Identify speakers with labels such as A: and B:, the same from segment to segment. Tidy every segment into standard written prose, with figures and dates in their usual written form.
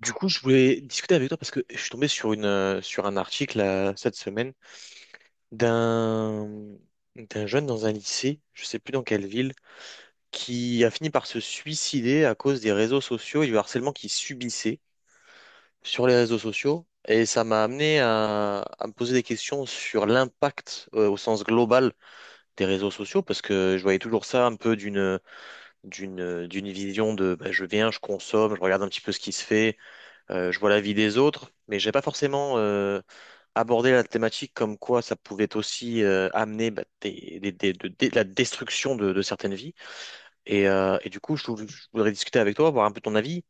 A: Du coup, je voulais discuter avec toi parce que je suis tombé sur sur un article cette semaine d'un d'un jeune dans un lycée, je sais plus dans quelle ville, qui a fini par se suicider à cause des réseaux sociaux et du harcèlement qu'il subissait sur les réseaux sociaux. Et ça m'a amené à me poser des questions sur l'impact au sens global des réseaux sociaux parce que je voyais toujours ça un peu d'une vision de bah, je viens, je consomme, je regarde un petit peu ce qui se fait. Je vois la vie des autres, mais j'ai pas forcément abordé la thématique comme quoi ça pouvait aussi amener bah, de la destruction de certaines vies. Et du coup, je voudrais discuter avec toi, voir un peu ton avis.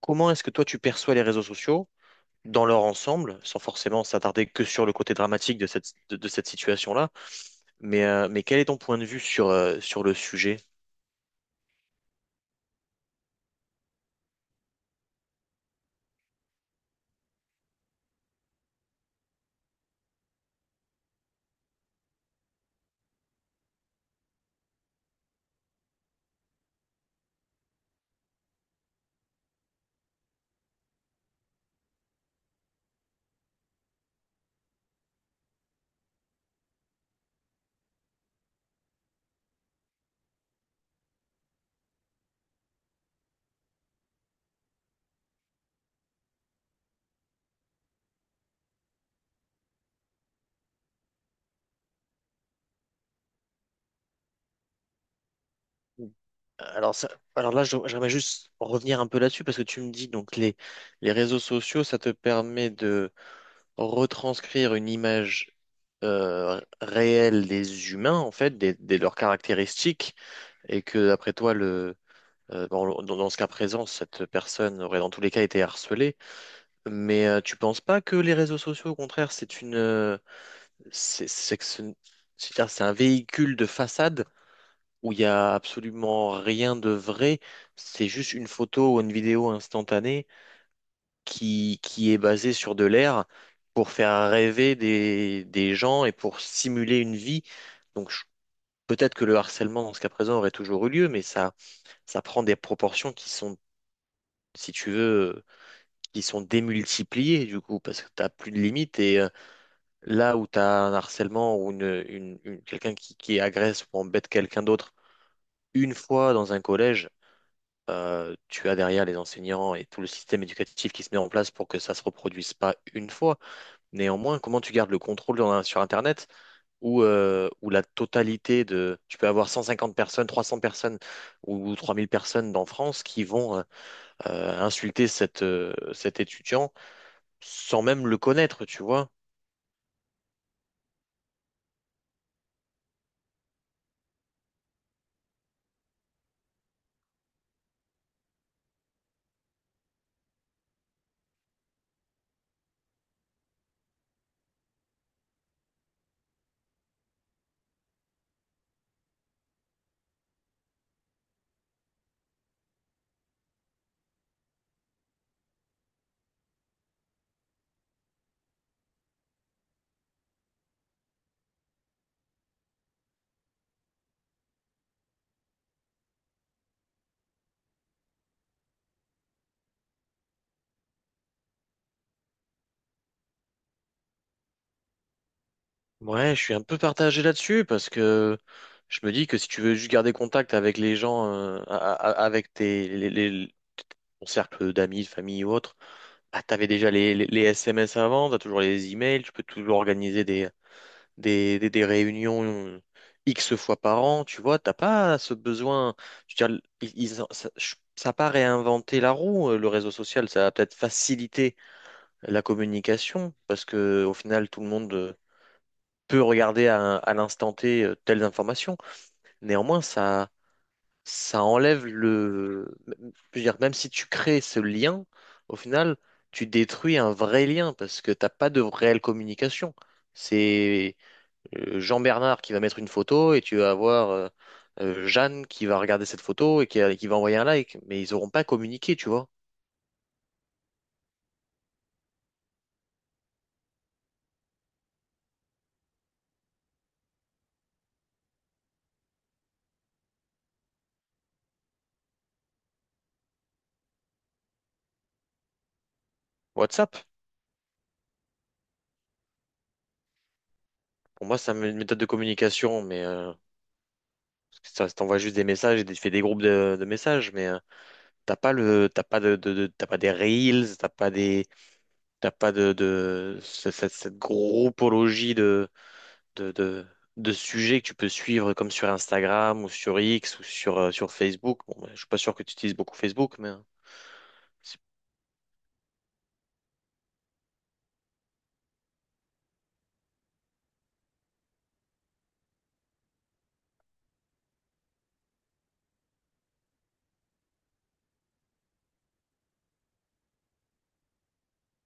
A: Comment est-ce que toi tu perçois les réseaux sociaux dans leur ensemble, sans forcément s'attarder que sur le côté dramatique de de cette situation-là, mais quel est ton point de vue sur le sujet? Alors là, j'aimerais juste revenir un peu là-dessus parce que tu me dis donc les réseaux sociaux, ça te permet de retranscrire une image réelle des humains, en fait, des leurs caractéristiques, et que, après toi, bon, dans ce cas présent, cette personne aurait dans tous les cas été harcelée. Mais tu penses pas que les réseaux sociaux, au contraire, c'est une, c'est que ce- c'est-à-dire, c'est un véhicule de façade où il y a absolument rien de vrai, c'est juste une photo ou une vidéo instantanée qui est basé sur de l'air pour faire rêver des gens et pour simuler une vie. Donc je- Peut-être que le harcèlement dans ce cas présent aurait toujours eu lieu, mais ça prend des proportions qui sont, si tu veux, qui sont démultipliées du coup, parce que tu n'as plus de limites. Là où tu as un harcèlement ou quelqu'un qui agresse ou embête quelqu'un d'autre une fois dans un collège, tu as derrière les enseignants et tout le système éducatif qui se met en place pour que ça se reproduise pas une fois. Néanmoins, comment tu gardes le contrôle sur Internet où la totalité de... Tu peux avoir 150 personnes, 300 personnes ou 3000 personnes dans France qui vont insulter cet étudiant sans même le connaître, tu vois. Ouais, je suis un peu partagé là-dessus parce que je me dis que si tu veux juste garder contact avec les gens, a- a- a- avec tes, les- ton cercle d'amis, de famille ou autre, bah, t'avais déjà les SMS avant, t'as toujours les emails, tu peux toujours organiser des réunions X fois par an, tu vois, t'as pas ce besoin. Je veux dire, ils- ils ont- ça, je- ça a pas réinventé la roue, le réseau social, ça a peut-être facilité la communication, parce que au final, tout le monde peut regarder à l'instant T telles informations. Néanmoins, ça enlève le. Je veux dire, même si tu crées ce lien, au final, tu détruis un vrai lien, parce que t'as pas de réelle communication. C'est Jean-Bernard qui va mettre une photo et tu vas avoir Jeanne qui va regarder cette photo et qui va envoyer un like. Mais ils n'auront pas communiqué, tu vois. WhatsApp, pour moi, c'est une méthode de communication, mais ça t'envoie juste des messages et fait des groupes de messages, mais t'as pas des reels, t'as pas cette groupologie de, de, de sujets que tu peux suivre comme sur Instagram ou sur X ou sur Facebook. Bon, ben, je suis pas sûr que tu utilises beaucoup Facebook, mais. Hein.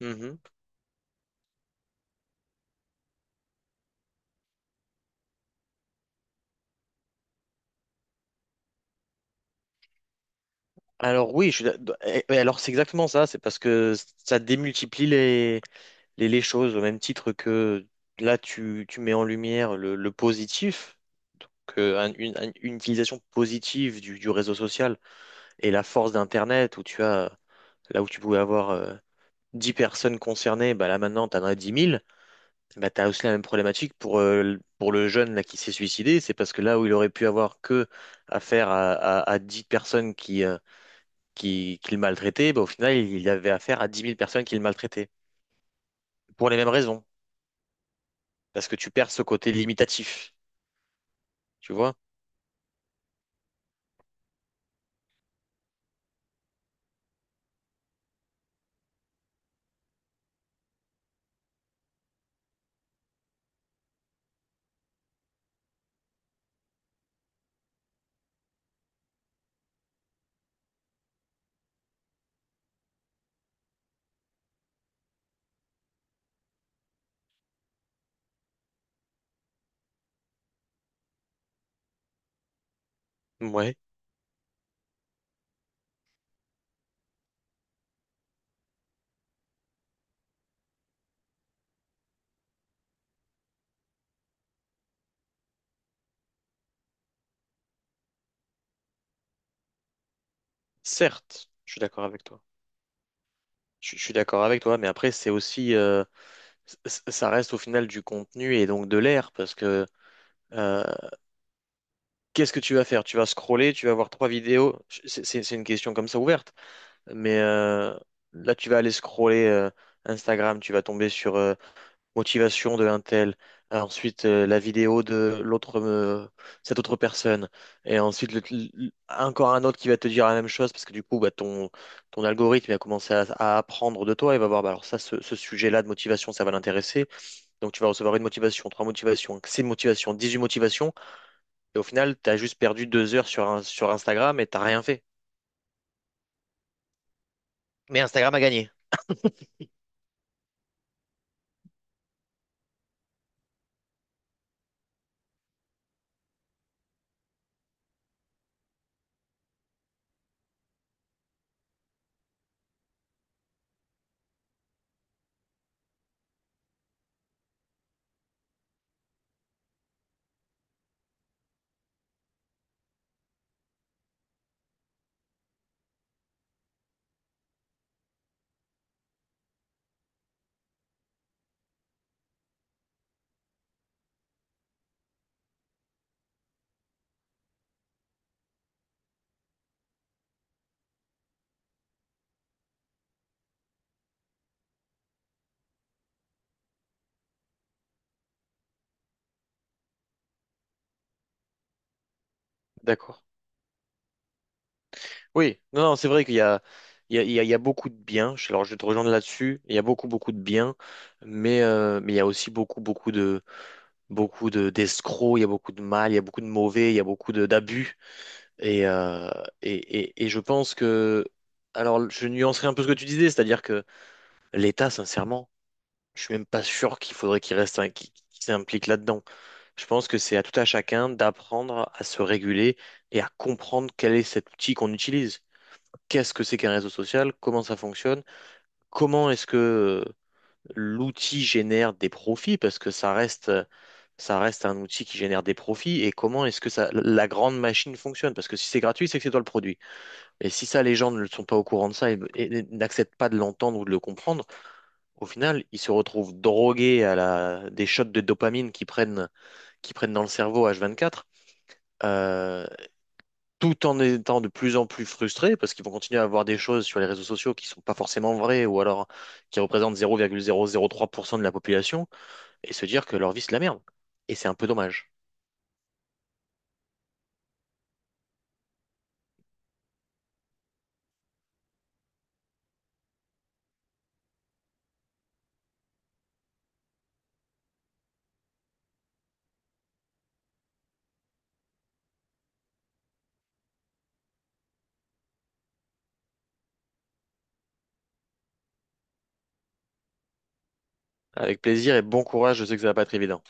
A: Mhm. Alors oui, je suis d'ac- eh, eh, alors c'est exactement ça, c'est parce que ça démultiplie les choses au même titre que là tu mets en lumière le positif, donc une utilisation positive du réseau social et la force d'Internet où tu as là où tu pouvais avoir 10 personnes concernées, bah là maintenant tu en as dix mille. Bah, tu as aussi la même problématique pour, pour le jeune là, qui s'est suicidé, c'est parce que là où il aurait pu avoir que affaire à 10 personnes qui le maltraitaient, bah, au final, il y avait affaire à dix mille personnes qui le maltraitaient. Pour les mêmes raisons. Parce que tu perds ce côté limitatif. Tu vois? Ouais, certes, je suis d'accord avec toi. Je suis d'accord avec toi, mais après, c'est aussi. C- Ça reste au final du contenu et donc de l'air. Parce que euh, qu'est-ce que tu vas faire? Tu vas scroller, tu vas voir trois vidéos. C'est une question comme ça ouverte. Mais là, tu vas aller scroller Instagram, tu vas tomber sur. Motivation de un tel, ah, ensuite la vidéo de l'autre, cette autre personne, et ensuite encore un autre qui va te dire la même chose parce que du coup, bah, ton algorithme il va commencer à apprendre de toi, il va voir, bah, alors ça, ce sujet-là de motivation, ça va l'intéresser, donc tu vas recevoir une motivation, trois motivations, six motivations, 18 motivations, et au final, tu as juste perdu deux heures sur Instagram et t'as rien fait. Mais Instagram a gagné. D'accord. Oui, non, non, c'est vrai qu'il y a, il y a, il y a il y a beaucoup de biens. Alors, je vais te rejoindre là-dessus. Il y a beaucoup, beaucoup de biens, mais il y a aussi beaucoup de d'escrocs. Il y a beaucoup de mal, il y a beaucoup de mauvais, il y a d'abus. Et, euh, et je pense que, alors, je nuancerai un peu ce que tu disais, c'est-à-dire que l'État, sincèrement, je suis même pas sûr qu'il faudrait qu'il reste, un- qu'il qu'il s'implique là-dedans. Je pense que c'est à tout à chacun d'apprendre à se réguler et à comprendre quel est cet outil qu'on utilise, qu'est-ce que c'est qu'un réseau social, comment ça fonctionne, comment est-ce que euh, l'outil génère des profits, parce que ça reste un outil qui génère des profits, et comment est-ce que ça, la grande machine fonctionne, parce que si c'est gratuit, c'est que c'est toi le produit. Et si ça, les gens ne sont pas au courant de ça et n'acceptent pas de l'entendre ou de le comprendre, au final, ils se retrouvent drogués à la, des shots de dopamine qu'ils prennent dans le cerveau H24, tout en étant de plus en plus frustrés parce qu'ils vont continuer à avoir des choses sur les réseaux sociaux qui sont pas forcément vraies ou alors qui représentent 0,003% de la population et se dire que leur vie c'est de la merde. Et c'est un peu dommage. Avec plaisir et bon courage, je sais que ça va pas être évident.